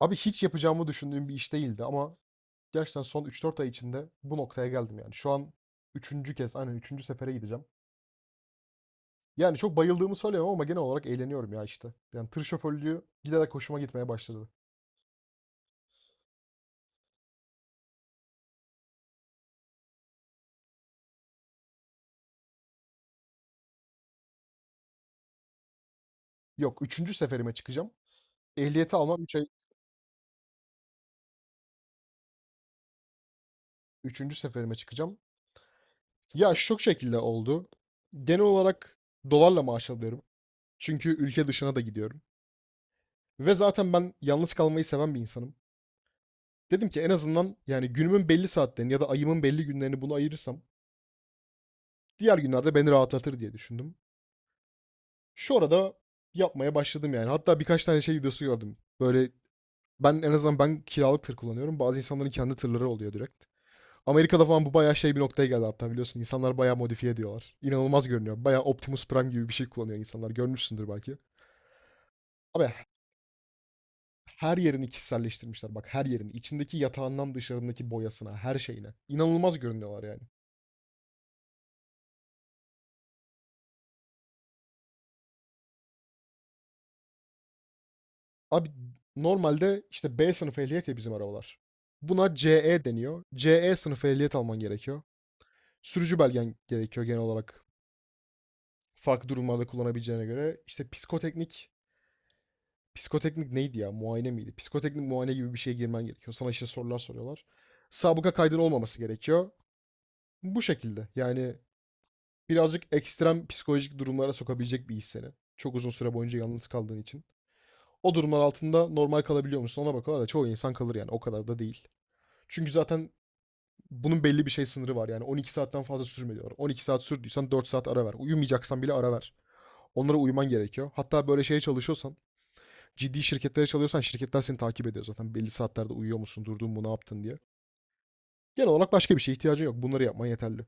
Abi hiç yapacağımı düşündüğüm bir iş değildi ama gerçekten son 3 4 ay içinde bu noktaya geldim yani. Şu an üçüncü kez, aynen üçüncü sefere gideceğim. Yani çok bayıldığımı söyleyemem ama genel olarak eğleniyorum ya işte. Yani tır şoförlüğü giderek hoşuma gitmeye başladı. Yok üçüncü seferime çıkacağım. Ehliyeti almam 3 ay, 3. seferime çıkacağım. Ya şu şekilde oldu. Genel olarak dolarla maaş alıyorum. Çünkü ülke dışına da gidiyorum. Ve zaten ben yalnız kalmayı seven bir insanım. Dedim ki en azından yani günümün belli saatlerini ya da ayımın belli günlerini bunu ayırırsam diğer günlerde beni rahatlatır diye düşündüm. Şu arada yapmaya başladım yani. Hatta birkaç tane şey videosu gördüm. Böyle ben en azından ben kiralık tır kullanıyorum. Bazı insanların kendi tırları oluyor direkt. Amerika'da falan bu bayağı şey bir noktaya geldi hatta biliyorsun. İnsanlar bayağı modifiye ediyorlar. İnanılmaz görünüyor. Bayağı Optimus Prime gibi bir şey kullanıyor insanlar. Görmüşsündür belki. Abi her yerini kişiselleştirmişler. Bak her yerini. İçindeki yatağından dışarındaki boyasına, her şeyine. İnanılmaz görünüyorlar yani. Abi normalde işte B sınıfı ehliyet ya bizim arabalar. Buna CE deniyor. CE sınıfı ehliyet alman gerekiyor. Sürücü belgen gerekiyor genel olarak. Farklı durumlarda kullanabileceğine göre. İşte psikoteknik, psikoteknik neydi ya? Muayene miydi? Psikoteknik muayene gibi bir şeye girmen gerekiyor. Sana işte sorular soruyorlar. Sabıka kaydın olmaması gerekiyor. Bu şekilde. Yani birazcık ekstrem psikolojik durumlara sokabilecek bir iş seni. Çok uzun süre boyunca yalnız kaldığın için. O durumlar altında normal kalabiliyor musun ona bakıyorlar da çoğu insan kalır yani, o kadar da değil. Çünkü zaten bunun belli bir şey sınırı var. Yani 12 saatten fazla sürme diyorlar. 12 saat sürdüysen 4 saat ara ver. Uyumayacaksan bile ara ver. Onlara uyuman gerekiyor. Hatta böyle şeye çalışıyorsan, ciddi şirketlere çalışıyorsan şirketler seni takip ediyor zaten. Belli saatlerde uyuyor musun, durdun mu, ne yaptın diye. Genel olarak başka bir şeye ihtiyacın yok. Bunları yapman yeterli.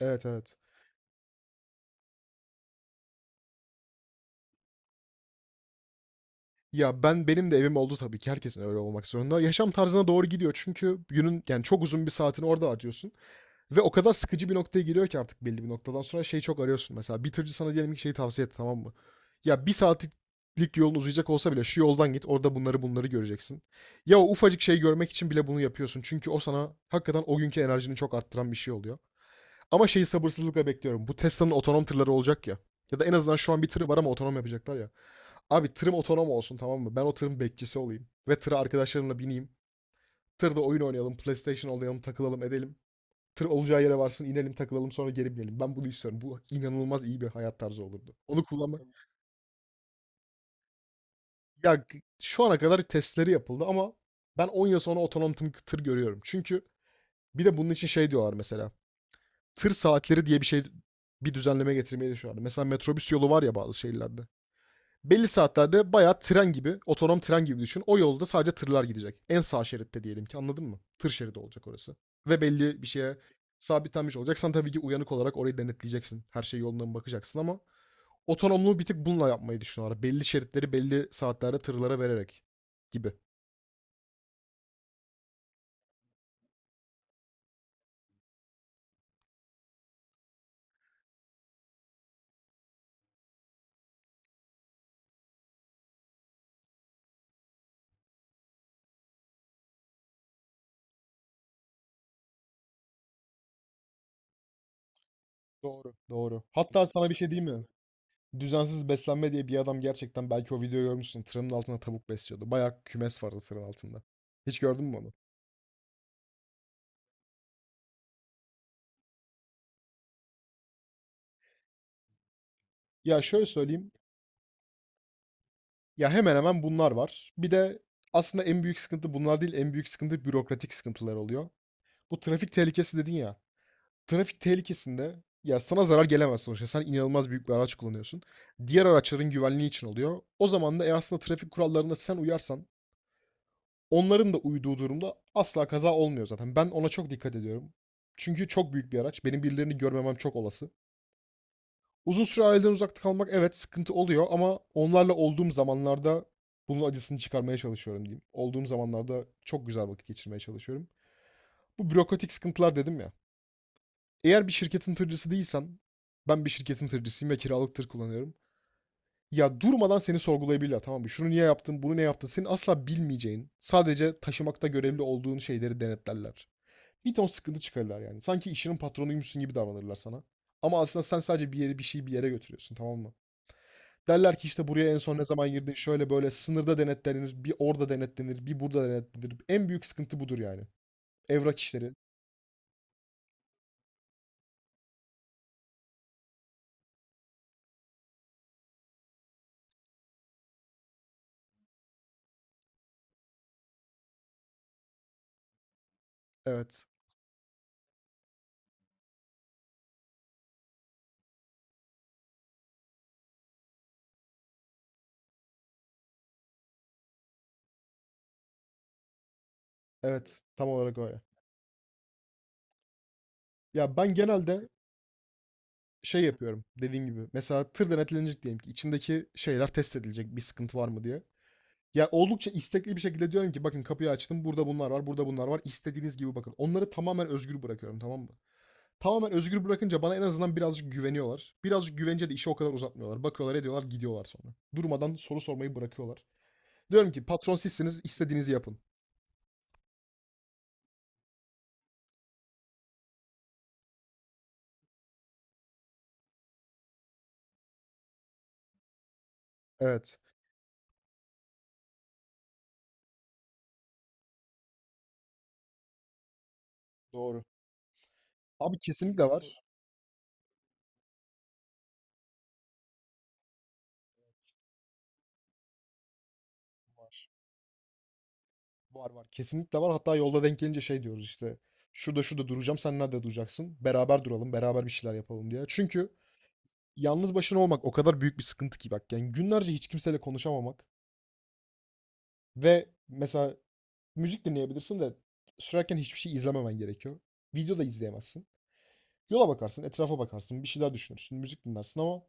Evet, evet. Ya ben, benim de evim oldu tabii ki, herkesin öyle olmak zorunda. Yaşam tarzına doğru gidiyor çünkü günün yani çok uzun bir saatini orada harcıyorsun. Ve o kadar sıkıcı bir noktaya geliyor ki artık belli bir noktadan sonra şey çok arıyorsun. Mesela bitirci sana diyelim ki şeyi tavsiye etti, tamam mı? Ya bir saatlik yolun uzayacak olsa bile şu yoldan git, orada bunları göreceksin. Ya o ufacık şeyi görmek için bile bunu yapıyorsun. Çünkü o sana hakikaten o günkü enerjini çok arttıran bir şey oluyor. Ama şeyi sabırsızlıkla bekliyorum. Bu Tesla'nın otonom tırları olacak ya. Ya da en azından şu an bir tırı var ama otonom yapacaklar ya. Abi tırım otonom olsun, tamam mı? Ben o tırın bekçisi olayım. Ve tıra arkadaşlarımla bineyim. Tırda oyun oynayalım, PlayStation oynayalım, takılalım, edelim. Tır olacağı yere varsın, inelim, takılalım, sonra geri binelim. Ben bunu istiyorum. Bu inanılmaz iyi bir hayat tarzı olurdu. Onu kullanmak... Şu ana kadar testleri yapıldı ama ben 10 yıl sonra otonom tır görüyorum. Çünkü bir de bunun için şey diyorlar mesela. Tır saatleri diye bir şey, bir düzenleme getirmeyi düşünüyorlar. Mesela metrobüs yolu var ya bazı şehirlerde. Belli saatlerde bayağı tren gibi, otonom tren gibi düşün. O yolda sadece tırlar gidecek. En sağ şeritte diyelim ki, anladın mı? Tır şeridi olacak orası. Ve belli bir şeye sabitlenmiş olacaksan tabii ki uyanık olarak orayı denetleyeceksin. Her şey yoluna mı bakacaksın, ama otonomluğu bir tık bununla yapmayı düşünüyorlar. Belli şeritleri belli saatlerde tırlara vererek gibi. Doğru, doğru. Hatta sana bir şey diyeyim mi? Düzensiz beslenme diye bir adam gerçekten, belki o videoyu görmüşsün. Tırın altında tavuk besliyordu. Bayağı kümes vardı tırın altında. Hiç gördün mü onu? Ya şöyle söyleyeyim. Ya, hemen hemen bunlar var. Bir de aslında en büyük sıkıntı bunlar değil, en büyük sıkıntı bürokratik sıkıntılar oluyor. Bu trafik tehlikesi dedin ya, trafik tehlikesinde, ya, sana zarar gelemez sonuçta. Sen inanılmaz büyük bir araç kullanıyorsun. Diğer araçların güvenliği için oluyor. O zaman da, aslında trafik kurallarına sen uyarsan, onların da uyduğu durumda asla kaza olmuyor zaten. Ben ona çok dikkat ediyorum. Çünkü çok büyük bir araç. Benim birilerini görmemem çok olası. Uzun süre aileden uzakta kalmak evet sıkıntı oluyor, ama onlarla olduğum zamanlarda bunun acısını çıkarmaya çalışıyorum diyeyim. Olduğum zamanlarda çok güzel vakit geçirmeye çalışıyorum. Bu bürokratik sıkıntılar dedim ya. Eğer bir şirketin tırcısı değilsen, ben bir şirketin tırcısıyım ve kiralık tır kullanıyorum. Ya durmadan seni sorgulayabilirler, tamam mı? Şunu niye yaptın, bunu ne yaptın? Senin asla bilmeyeceğin, sadece taşımakta görevli olduğun şeyleri denetlerler. Bir ton sıkıntı çıkarırlar yani. Sanki işinin patronuymuşsun gibi davranırlar sana. Ama aslında sen sadece bir yeri, bir şeyi bir yere götürüyorsun, tamam mı? Derler ki işte buraya en son ne zaman girdin, şöyle böyle, sınırda denetlenir, bir orada denetlenir, bir burada denetlenir. En büyük sıkıntı budur yani. Evrak işleri. Evet. Evet. Tam olarak öyle. Ya ben genelde şey yapıyorum dediğim gibi. Mesela tır denetlenecek diyelim ki, içindeki şeyler test edilecek bir sıkıntı var mı diye. Ya oldukça istekli bir şekilde diyorum ki bakın, kapıyı açtım, burada bunlar var, burada bunlar var. İstediğiniz gibi bakın. Onları tamamen özgür bırakıyorum, tamam mı? Tamamen özgür bırakınca bana en azından birazcık güveniyorlar. Birazcık güvenince de işi o kadar uzatmıyorlar. Bakıyorlar, ediyorlar, gidiyorlar sonra. Durmadan soru sormayı bırakıyorlar. Diyorum ki patron sizsiniz, istediğinizi yapın. Evet. Doğru. Abi kesinlikle var. Var. Var, var. Kesinlikle var. Hatta yolda denk gelince şey diyoruz işte. Şurada şurada duracağım. Sen nerede duracaksın? Beraber duralım. Beraber bir şeyler yapalım diye. Çünkü yalnız başına olmak o kadar büyük bir sıkıntı ki bak. Yani günlerce hiç kimseyle konuşamamak ve mesela müzik dinleyebilirsin de sürerken hiçbir şey izlememen gerekiyor. Video da izleyemezsin. Yola bakarsın, etrafa bakarsın, bir şeyler düşünürsün, müzik dinlersin ama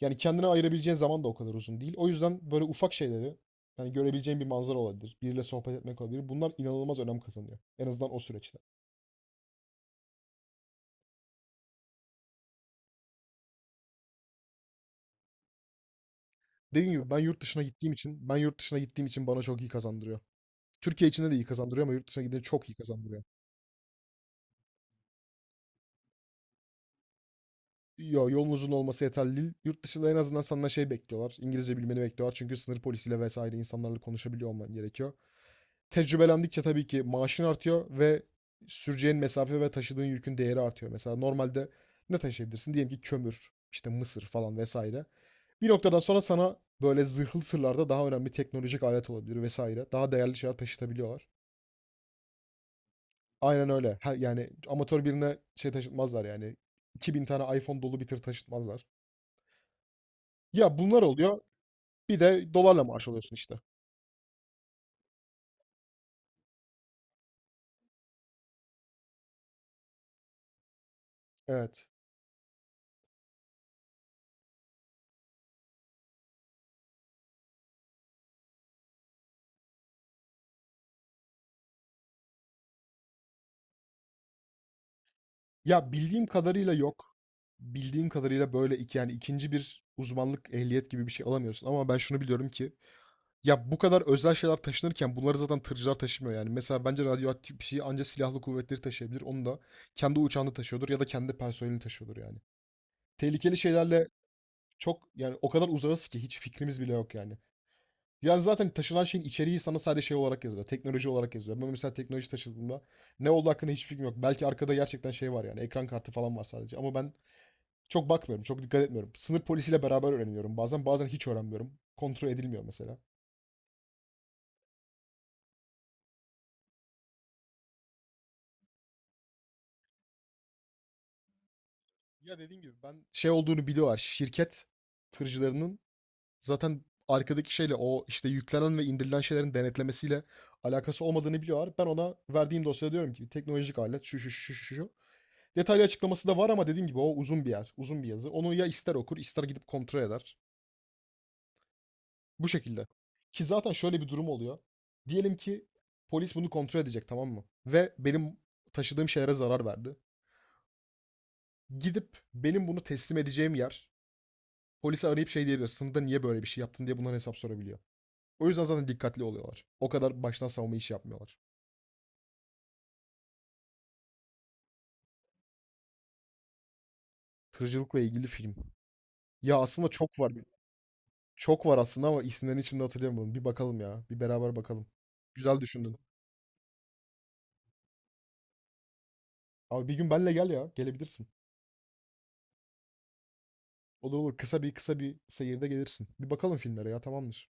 yani kendine ayırabileceğin zaman da o kadar uzun değil. O yüzden böyle ufak şeyleri, yani görebileceğin bir manzara olabilir, biriyle sohbet etmek olabilir. Bunlar inanılmaz önem kazanıyor. En azından o süreçte. Dediğim gibi ben yurt dışına gittiğim için, ben yurt dışına gittiğim için bana çok iyi kazandırıyor. Türkiye içinde de iyi kazandırıyor ama yurt dışına gidince çok iyi kazandırıyor. Yo, yolun uzun olması yeterli değil. Yurt dışında en azından senden şey bekliyorlar. İngilizce bilmeni bekliyorlar. Çünkü sınır polisiyle vesaire insanlarla konuşabiliyor olman gerekiyor. Tecrübelendikçe tabii ki maaşın artıyor ve süreceğin mesafe ve taşıdığın yükün değeri artıyor. Mesela normalde ne taşıyabilirsin? Diyelim ki kömür, işte mısır falan vesaire. Bir noktadan sonra sana böyle zırhlı tırlarda daha önemli teknolojik alet olabilir vesaire. Daha değerli şeyler taşıtabiliyorlar. Aynen öyle. Ha, yani amatör birine şey taşıtmazlar yani. 2.000 tane iPhone dolu bir tır taşıtmazlar. Ya bunlar oluyor. Bir de dolarla maaş alıyorsun işte. Evet. Ya bildiğim kadarıyla yok. Bildiğim kadarıyla böyle iki, yani ikinci bir uzmanlık ehliyet gibi bir şey alamıyorsun. Ama ben şunu biliyorum ki ya bu kadar özel şeyler taşınırken bunları zaten tırcılar taşımıyor yani. Mesela bence radyoaktif bir şeyi ancak silahlı kuvvetleri taşıyabilir. Onu da kendi uçağında taşıyordur ya da kendi personelini taşıyordur yani. Tehlikeli şeylerle çok, yani o kadar uzağız ki hiç fikrimiz bile yok yani. Yani zaten taşınan şeyin içeriği sana sadece şey olarak yazıyor. Teknoloji olarak yazıyor. Ben mesela teknoloji taşıdığımda ne olduğu hakkında hiçbir fikrim yok. Belki arkada gerçekten şey var yani. Ekran kartı falan var sadece. Ama ben çok bakmıyorum. Çok dikkat etmiyorum. Sınır polisiyle beraber öğreniyorum. Bazen hiç öğrenmiyorum. Kontrol edilmiyor mesela. Ya dediğim gibi ben şey olduğunu biliyorlar. Şirket tırcılarının zaten arkadaki şeyle o işte yüklenen ve indirilen şeylerin denetlemesiyle alakası olmadığını biliyorlar. Ben ona verdiğim dosyada diyorum ki teknolojik alet şu şu şu şu şu. Detaylı açıklaması da var ama dediğim gibi o uzun bir yer, uzun bir yazı. Onu ya ister okur, ister gidip kontrol eder. Bu şekilde. Ki zaten şöyle bir durum oluyor. Diyelim ki polis bunu kontrol edecek, tamam mı? Ve benim taşıdığım şeylere zarar verdi. Gidip benim bunu teslim edeceğim yer polise arayıp şey diyebilir. Sınıfta niye böyle bir şey yaptın diye bunların hesap sorabiliyor. O yüzden zaten dikkatli oluyorlar. O kadar baştan savunma işi yapmıyorlar. Tırcılıkla ilgili film. Ya aslında çok var. Çok var aslında ama isimlerini şimdi hatırlayamadım. Bir bakalım ya. Bir beraber bakalım. Güzel düşündün. Abi bir gün benle gel ya. Gelebilirsin. Olur, olur. Kısa bir seyirde gelirsin. Bir bakalım filmlere ya, tamamdır.